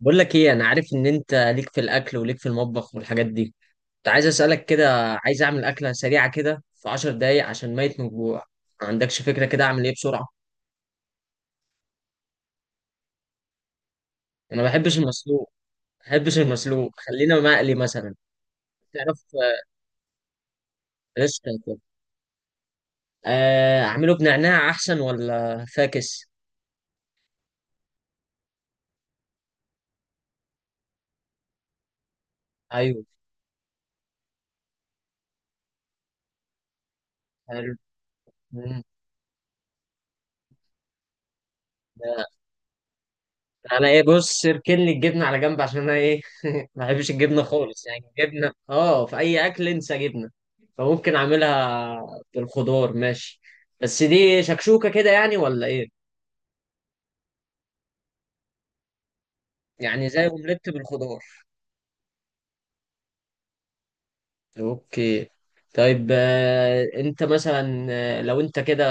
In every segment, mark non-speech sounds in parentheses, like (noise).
بقول لك ايه، انا عارف ان انت ليك في الاكل وليك في المطبخ والحاجات دي. كنت عايز اسالك كده. عايز اعمل اكله سريعه كده في 10 دقايق عشان ميت من الجوع. ما عندكش فكره كده اعمل ايه بسرعه؟ انا ما بحبش المسلوق. ما بحبش المسلوق، خلينا مقلي مثلا. تعرف. لسه كده. اعمله بنعناع احسن ولا فاكس؟ ايوه. حلو. مم. انا ايه، بص اركن لي الجبنه على جنب عشان انا ايه (laughs) ما بحبش الجبنه خالص، يعني الجبنه اه في اي اكل انسى جبنه. فممكن اعملها بالخضار، ماشي. بس دي شكشوكه كده يعني ولا ايه؟ يعني زي اومليت بالخضار. اوكي. طيب انت مثلا لو انت كده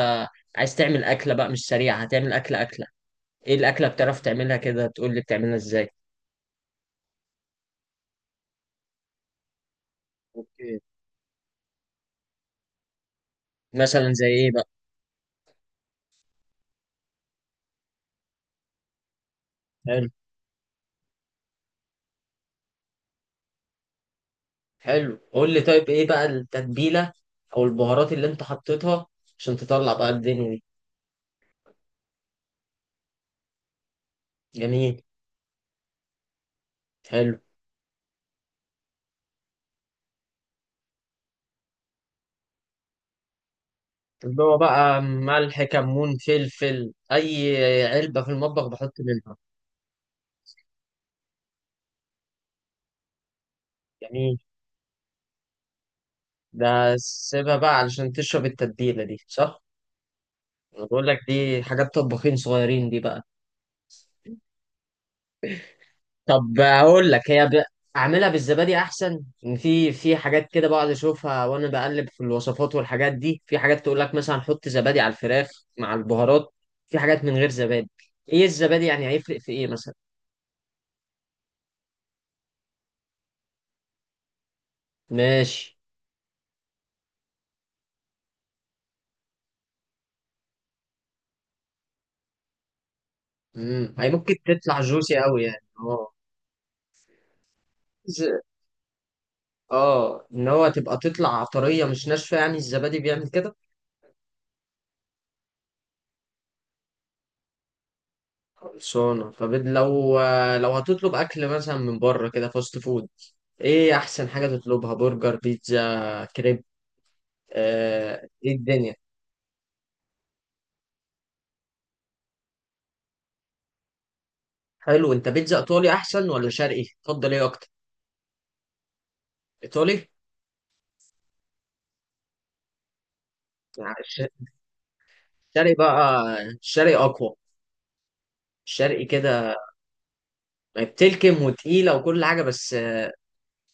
عايز تعمل اكله بقى مش سريعه، هتعمل اكله اكله ايه؟ الاكله بتعرف تعملها كده تقول لي بتعملها ازاي؟ اوكي. مثلا زي ايه بقى؟ حلو. حلو، قول لي طيب ايه بقى التتبيله او البهارات اللي انت حطيتها عشان تطلع بقى الدنيا دي؟ جميل. حلو، اللي هو بقى ملح كمون فلفل، اي علبه في المطبخ بحط منها. جميل. ده سيبها بقى علشان تشرب التتبيله دي، صح؟ انا بقول لك دي حاجات طباخين صغيرين دي بقى. طب اقول لك هي ب... اعملها بالزبادي احسن. ان في حاجات كده بقعد اشوفها وانا بقلب في الوصفات والحاجات دي، في حاجات تقول لك مثلا حط زبادي على الفراخ مع البهارات، في حاجات من غير زبادي. ايه الزبادي يعني، هيفرق في ايه مثلا؟ ماشي. امم، هي ممكن تطلع جوسي قوي يعني، اه. ز-. اه، ان هو تبقى تطلع طريه مش ناشفه، يعني الزبادي بيعمل كده. خلصانه. طب لو هتطلب اكل مثلا من بره كده فاست فود، ايه احسن حاجه تطلبها، برجر بيتزا كريب؟ ايه الدنيا؟ حلو. انت بيتزا ايطالي احسن ولا شرقي، تفضل ايه اكتر؟ ايطالي. يعني الش-. الشرقي بقى الشرقي اقوى. الشرقي كده بتلكم وتقيله وكل حاجه، بس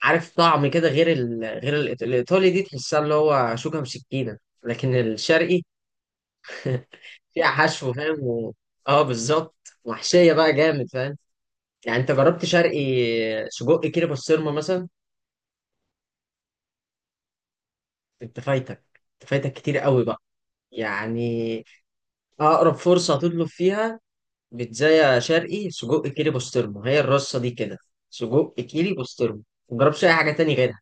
عارف طعم كده غير ال... غير الإيط- الايطالي دي، تحسها اللي هو شوكه بسكينه. لكن الشرقي فيها حشو، فاهم، و... اه بالظبط. وحشيه بقى جامد، فاهم. يعني انت جربت شرقي سجق كده بسطرمه مثلا؟ انت فايتك. انت فايتك كتير قوي بقى. يعني اقرب فرصه هتطلب فيها بيتزايا شرقي سجق كيري بسطرمة، هي الرصة دي كده، سجق كيري بسطرمة. مجربش أي حاجة تاني غيرها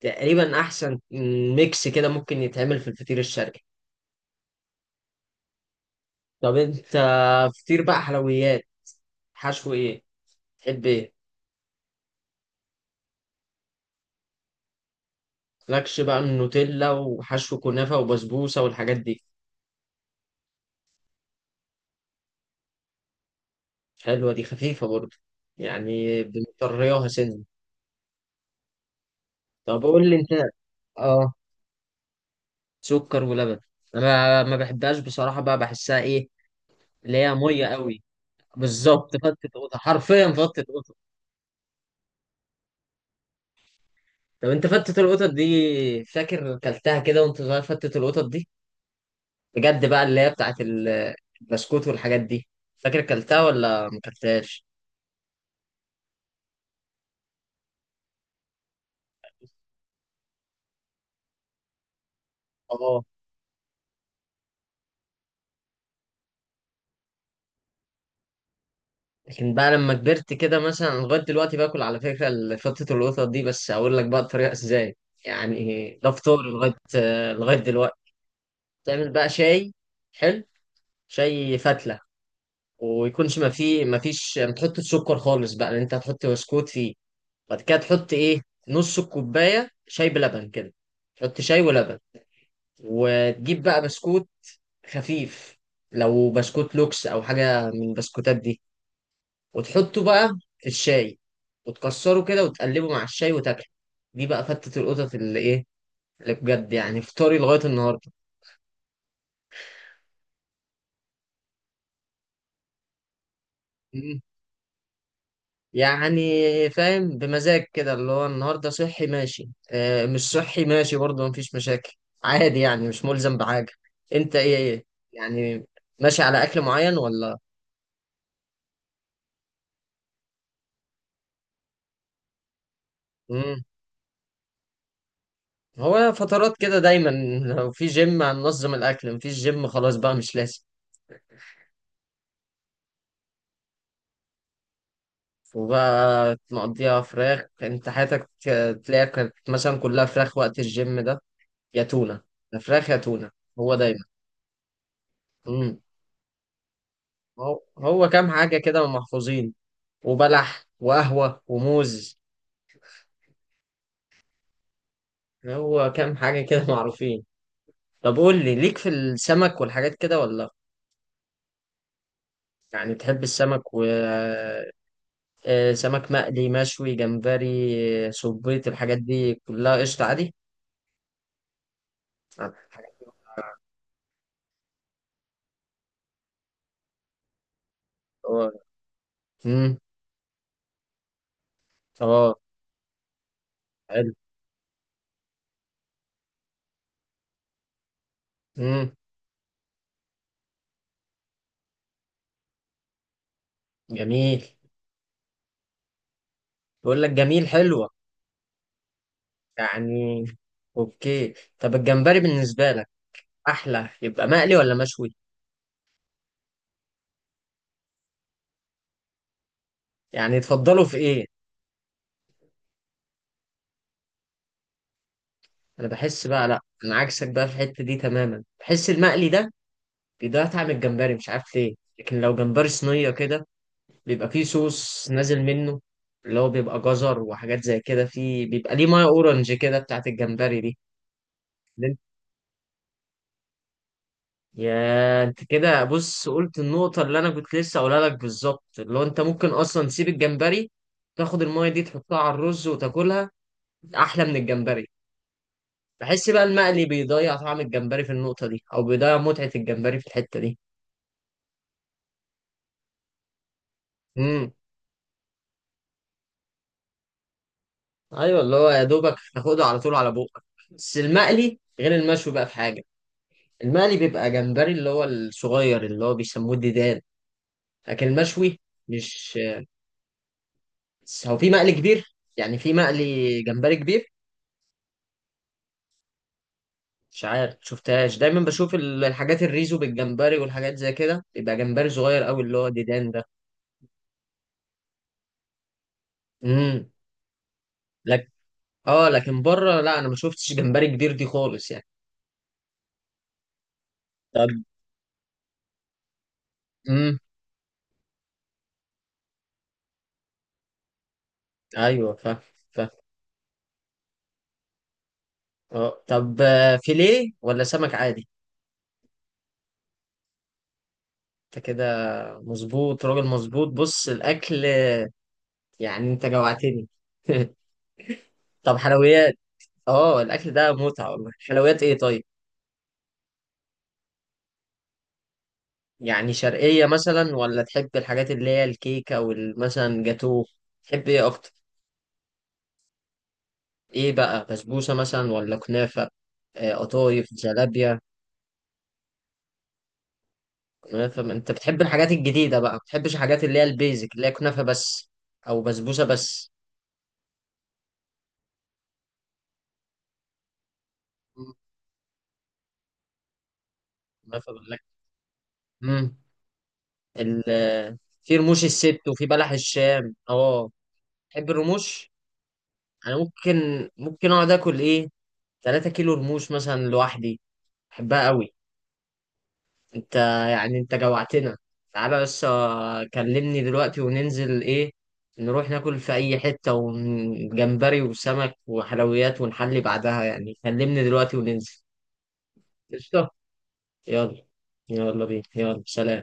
تقريبا، أحسن ميكس كده ممكن يتعمل في الفطير الشرقي. طب أنت فطير بقى، حلويات، حشو إيه؟ تحب إيه؟ مالكش بقى من نوتيلا وحشو كنافة وبسبوسة والحاجات دي؟ حلوة دي، خفيفة برضه، يعني بنطريها سنة. طب قول لي أنت. آه، سكر ولبن. أنا ما بحبهاش بصراحة بقى، بحسها إيه، اللي هي مية قوي. بالظبط، فتت قطط، حرفيا فتت قطط. طب انت فتت القطط دي، فاكر كلتها كده وانت صغير فتت القطط دي بجد بقى، اللي هي بتاعت ال- البسكوت والحاجات دي؟ فاكر كلتها ولا ما كلتهاش؟ اه، لكن بقى لما كبرت كده مثلا أنا لغايه دلوقتي باكل على فكره ال- فتت القطط دي، بس هقول لك بقى الطريقه ازاي. يعني ده فطوري لغايه لغايه دلوقتي. تعمل بقى شاي، حلو، شاي فتله، ويكونش ما فيه ما فيش ما تحطش سكر خالص بقى لان انت هتحط بسكوت فيه. بعد كده تحط ايه؟ نص الكوبايه شاي بلبن كده، تحط شاي ولبن، وتجيب بقى بسكوت خفيف، لو بسكوت لوكس او حاجه من البسكوتات دي، وتحطه بقى في الشاي وتكسره كده وتقلبه مع الشاي وتاكله. دي بقى فتة القطط اللي ايه، اللي بجد يعني فطاري لغايه النهارده. يعني فاهم بمزاج كده، اللي هو النهارده صحي ماشي، آه مش صحي ماشي برضه، مفيش مشاكل. عادي يعني، مش ملزم بحاجة. انت ايه، ايه يعني، ماشي على اكل معين ولا؟ مم. هو فترات كده دايما (laughs) لو في جيم هننظم الاكل، مفيش جيم خلاص بقى مش لازم. وبقى مقضيها فراخ، انت حياتك تلاقيها كانت مثلا كلها فراخ وقت الجيم ده، يا تونة، يا فراخ يا تونة. هو دايما. مم. هو هو كام حاجة كده محفوظين، وبلح وقهوة وموز. هو كام حاجة كده (laughs) معروفين. طب قول لي، ليك في السمك والحاجات كده ولا لأ؟ يعني بتحب السمك و سمك مقلي، مشوي، جمبري، صبيط، الحاجات دي كلها قشطة عادي؟ حاجات. اه. امم. اه. حلو. امم. جميل. بقول لك جميل، حلوة. يعني اوكي. طب الجمبري بالنسبة لك احلى يبقى مقلي ولا مشوي؟ يعني تفضله في ايه؟ انا بحس بقى لا انا عكسك بقى في الحته دي تماما، بحس المقلي ده بيضيع طعم الجمبري، مش عارف ليه، لكن لو جمبري صينيه كده، بيبقى فيه صوص نازل منه، اللي هو بيبقى جزر وحاجات زي كده فيه، بيبقى ليه ميه اورنج كده بتاعت الجمبري دي. اللي انت-. يا انت كده بص، قلت النقطه اللي انا كنت لسه اقولها لك بالظبط، اللي هو انت ممكن اصلا تسيب الجمبري، تاخد الميه دي تحطها على الرز وتاكلها، احلى من الجمبري. بحس بقى المقلي بيضيع طعم الجمبري في النقطه دي، او بيضيع متعه الجمبري في الحته دي. امم. ايوه، اللي هو يا دوبك تاخده على طول على بوقك. بس المقلي غير المشوي بقى في حاجه، المقلي بيبقى جمبري اللي هو الصغير اللي هو بيسموه الديدان، لكن المشوي مش. بس هو في مقلي كبير، يعني في مقلي جمبري كبير. مش عارف شفتهاش، دايما بشوف ال- الحاجات الريزو بالجمبري والحاجات زي كده بيبقى جمبري صغير قوي اللي هو ديدان ده. امم. لك. اه، لكن بره لا، انا ما شفتش جمبري كبير دي خالص يعني. طب. امم. ايوه، فاهم. اه. طب فيليه ولا سمك عادي؟ انت كده مظبوط، راجل مظبوط. بص الاكل يعني، انت جوعتني. (laughs) طب حلويات. اه الاكل ده متعة والله. حلويات ايه طيب؟ يعني شرقية مثلا ولا تحب الحاجات اللي هي الكيكة والمثلا جاتوه؟ تحب ايه اكتر؟ ايه بقى، بسبوسة مثلا ولا كنافة، قطايف، جلابية؟ كنافة. ما انت بتحب الحاجات الجديدة بقى، ما بتحبش الحاجات اللي هي البيزك اللي هي كنافة بس او بسبوسة بس. مم. كنافة بالله. ال. في رموش الست وفي بلح الشام، اه. تحب الرموش؟ انا ممكن ممكن اقعد اكل ايه 3 كيلو رموش مثلا لوحدي، بحبها قوي. انت، يعني انت جوعتنا. تعالى بس كلمني دلوقتي وننزل ايه، نروح ناكل في اي حتة وجمبري وسمك وحلويات ونحلي بعدها، يعني كلمني دلوقتي وننزل. قشطة. يلا. يلا بينا، يلا سلام.